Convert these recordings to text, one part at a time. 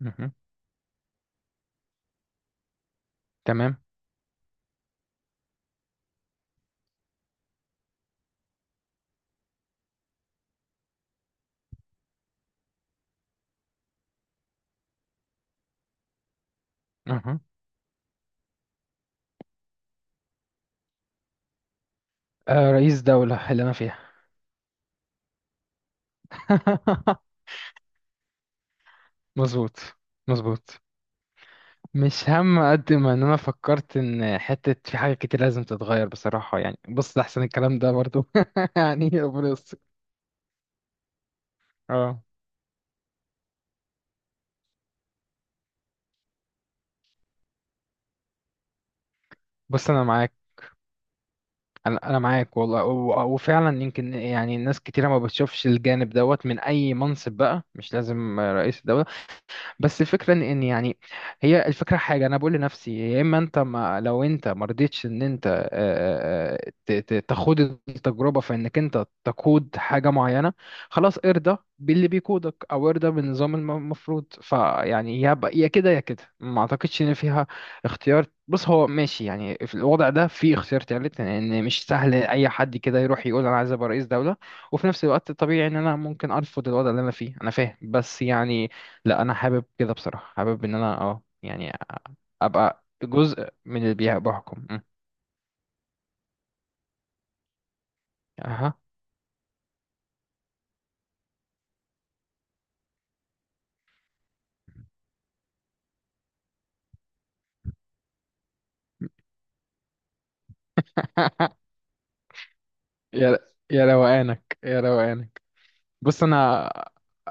مهم. تمام. أها. رئيس دولة اللي أنا فيها. مظبوط، مظبوط. مش هم قد ما إن أنا فكرت إن حتة في حاجات كتير لازم تتغير بصراحة، يعني بص أحسن الكلام ده برضو. يعني ربنا يستر. اه، بص أنا معاك. أنا معاك والله، و- وفعلا يمكن، يعني ناس كتيرة ما بتشوفش الجانب دوت من أي منصب بقى، مش لازم رئيس دولة. بس الفكرة إن يعني، هي الفكرة حاجة انا بقول لنفسي، يا اما انت، ما لو انت ما رضيتش ان انت تخوض التجربة في انك انت تقود حاجة معينة، خلاص ارضى باللي بيقودك او ارضى بالنظام المفروض، فيعني يا كده يا كده، ما اعتقدش ان فيها اختيار. بص هو ماشي، يعني في الوضع ده في اختيار تالت، لان مش سهل اي حد كده يروح يقول انا عايز ابقى رئيس دولة، وفي نفس الوقت طبيعي ان انا ممكن ارفض الوضع اللي انا فيه. انا فاهم، بس يعني، لا انا حابب كده بصراحه، حابب ان انا يعني ابقى جزء من اللي بحكم. اها. يا يا روقانك، يا روقانك. بص انا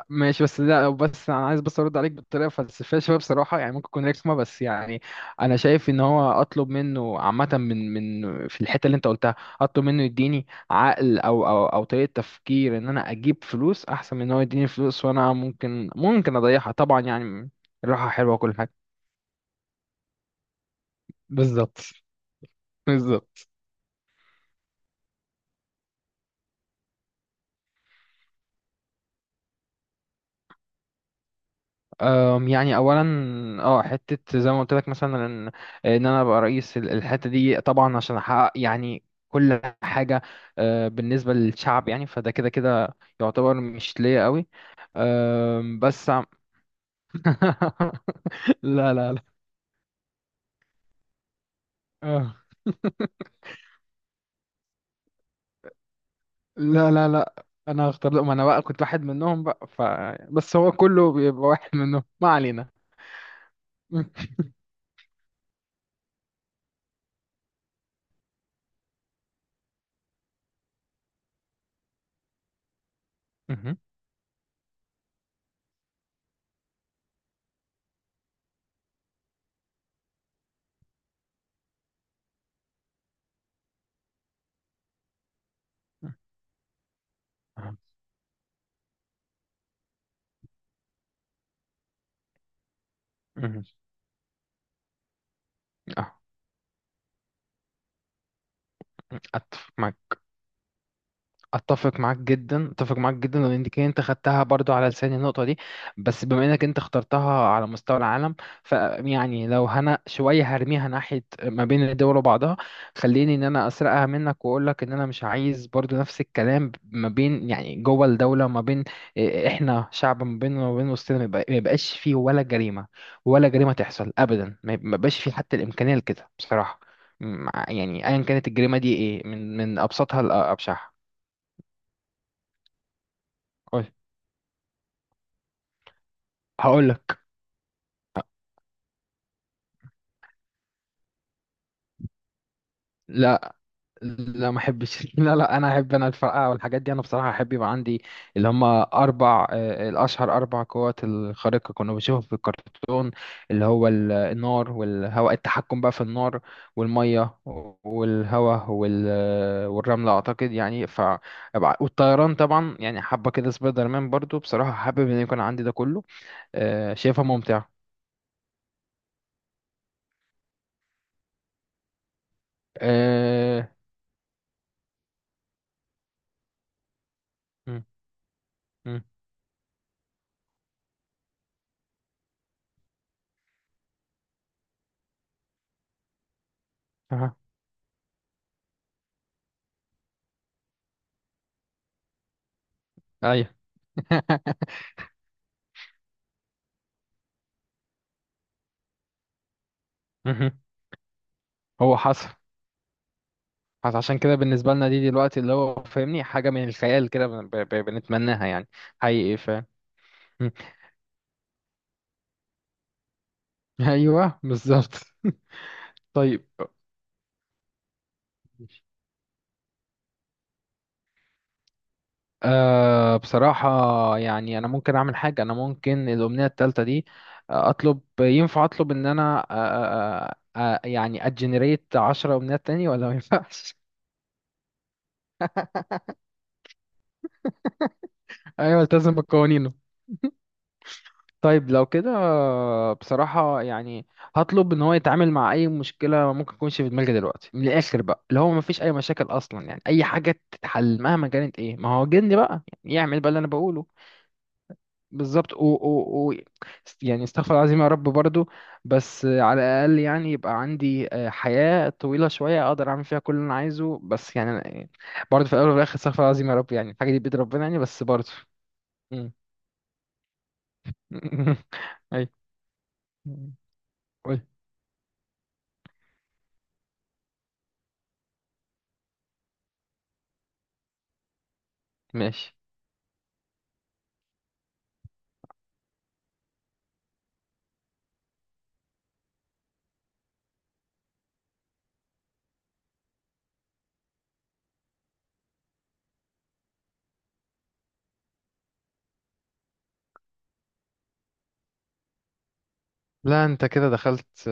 ماشي، بس لا، بس انا عايز بس ارد عليك بطريقه فلسفيه شويه بصراحه، يعني ممكن تكون رخمه بس يعني، انا شايف ان هو اطلب منه عامه، من في الحته اللي انت قلتها، اطلب منه يديني عقل او طريقه تفكير، ان انا اجيب فلوس احسن من ان هو يديني فلوس وانا ممكن اضيعها طبعا، يعني الراحه حلوه وكل حاجه. بالظبط، بالظبط. يعني اولا، اه حته زي ما قلت لك مثلا، ان إن انا ابقى رئيس الحته دي طبعا عشان احقق يعني كل حاجه، بالنسبه للشعب، يعني فده كده كده يعتبر مش ليا قوي. بس لا، لا، لا. آه. لا، لا، لا، انا هختار لقمة، انا بقى كنت واحد منهم بقى، بس هو كله بيبقى واحد منهم، ما علينا. مهم. مهم. آه. أتفق معاك، اتفق معاك جدا، اتفق معاك جدا، لان دي كده انت خدتها برضو على لساني النقطه دي، بس بما انك انت اخترتها على مستوى العالم، فيعني لو هنا شويه هرميها ناحيه ما بين الدول وبعضها. خليني ان انا اسرقها منك واقول لك ان انا مش عايز برضو نفس الكلام ما بين يعني جوه الدوله، ما بين، احنا شعب، ما بين وما بين وسطنا ما يبقاش فيه ولا جريمه، ولا جريمه تحصل ابدا، ما يبقاش فيه حتى الامكانيه لكده بصراحه، يعني ايا كانت الجريمه دي ايه، من ابسطها لابشعها. هقول لك لا، لا ما احبش. لا، لا، انا احب، انا الفرقعه والحاجات دي انا بصراحه احب يبقى عندي اللي هم اربع، الاشهر، اربع قوات الخارقه كنا بنشوفهم في الكرتون، اللي هو النار والهواء، التحكم بقى في النار والميه والهواء والرمله اعتقد، يعني والطيران طبعا، يعني حبه كده سبايدر مان، برضو بصراحه حابب ان يكون عندي ده كله. شايفها ممتعه. آه، م- م- أها. ايوه. مهم. هو حصل، بس عشان كده بالنسبة لنا دي دلوقتي، اللي هو فاهمني حاجة من الخيال كده بنتمناها يعني حقيقي، ايوه بالظبط. طيب. بصراحة يعني، أنا ممكن أعمل حاجة، أنا ممكن الأمنية التالتة دي، آه، أطلب ينفع أطلب إن أنا، يعني أجنريت 10 أمنيات تاني ولا ما ينفعش؟ أيوة، ألتزم بالقوانين. طيب لو كده بصراحة يعني، هطلب ان هو يتعامل مع اي مشكلة ممكن تكونش في دماغي دلوقتي، من الاخر بقى، اللي هو مفيش اي مشاكل اصلا، يعني اي حاجة تتحل مهما كانت ايه، ما هو جن بقى يعني، يعمل بقى اللي انا بقوله. بالظبط، و يعني استغفر الله العظيم يا رب برضو، بس على الاقل يعني يبقى عندي حياة طويلة شوية اقدر اعمل فيها كل اللي انا عايزه، بس يعني أنا- برضو في الاول وفي الاخر استغفر الله العظيم يا رب، يعني الحاجة دي بيد ربنا يعني، بس برضو. مم. اي، قول، ماشي. لا، انت كده دخلت.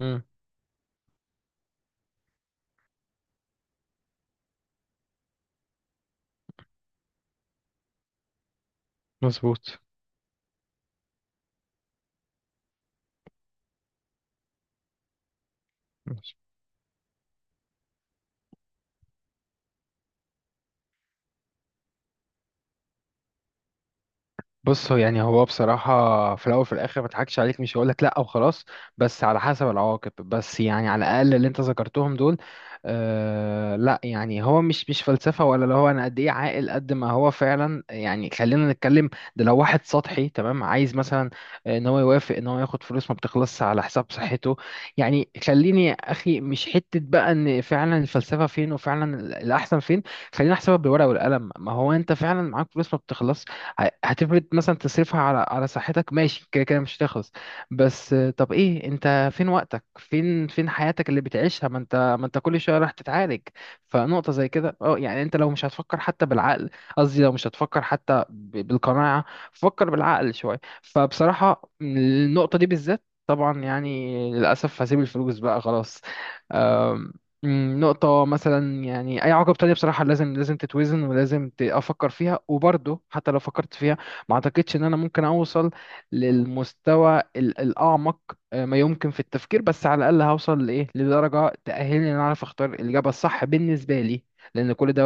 مم. مظبوط. بص هو يعني، هو بصراحة في الأول وفي الآخر ما اضحكش عليك، مش هقولك لأ وخلاص، بس على حسب العواقب، بس يعني على الأقل اللي أنت ذكرتهم دول، لأ، يعني هو مش فلسفة، ولا اللي هو أنا قد إيه عاقل، قد ما هو فعلا، يعني خلينا نتكلم، ده لو واحد سطحي تمام عايز مثلا إن هو يوافق إن هو ياخد فلوس ما بتخلصش على حساب صحته، يعني خليني يا أخي، مش حتة بقى إن فعلا الفلسفة فين، وفعلا الأحسن فين، خلينا أحسبها بالورقة والقلم. ما هو أنت فعلا معاك فلوس ما بتخلصش، هتفرض مثلا تصرفها على صحتك، ماشي، كده كده مش هتخلص، بس طب ايه انت؟ فين وقتك؟ فين حياتك اللي بتعيشها؟ ما انت كل شويه راح تتعالج. فنقطه زي كده يعني، انت لو مش هتفكر حتى بالعقل، قصدي لو مش هتفكر حتى بالقناعه، فكر بالعقل شويه، فبصراحه النقطه دي بالذات طبعا يعني، للاسف هسيب الفلوس بقى خلاص. نقطة مثلا، يعني أي عقبة تانية بصراحة لازم تتوزن، ولازم أفكر فيها، وبرضه حتى لو فكرت فيها ما أعتقدش إن أنا ممكن أوصل للمستوى الأعمق، ما يمكن في التفكير، بس على الأقل هوصل لإيه؟ لدرجة تأهلني إن أنا أعرف أختار الإجابة الصح بالنسبة لي، لأن كل ده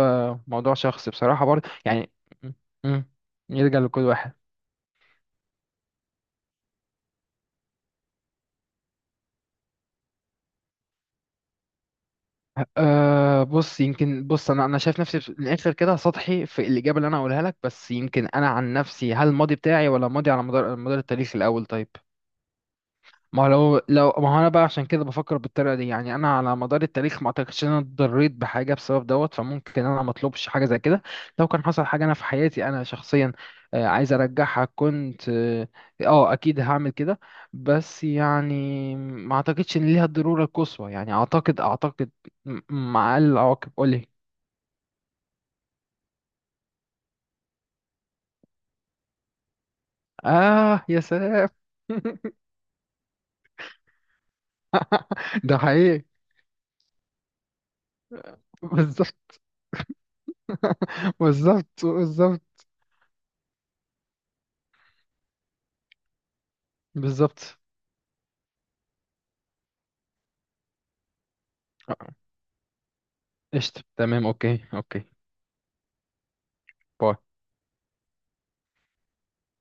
موضوع شخصي بصراحة برضه يعني. مم، مم، يرجع لكل واحد. بص يمكن، بص انا شايف نفسي في الاخر كده سطحي في الاجابه اللي انا هقولها لك، بس يمكن انا عن نفسي، هل الماضي بتاعي ولا الماضي على مدار التاريخ؟ الاول طيب، ما هو لو ما هو، انا بقى عشان كده بفكر بالطريقه دي، يعني انا على مدار التاريخ ما اعتقدش ان انا اتضريت بحاجه بسبب دوت، فممكن انا ما اطلبش حاجه زي كده. لو كان حصل حاجه انا في حياتي انا شخصيا عايز ارجعها، كنت اكيد هعمل كده، بس يعني ما اعتقدش ان ليها الضروره القصوى، يعني اعتقد م- مع اقل العواقب، قولي. اه، يا سلام. ده حقيقي. بالظبط. بالظبط، بالظبط، بالظبط. آه، قشطة، تمام، اوكي، اوكي. باي.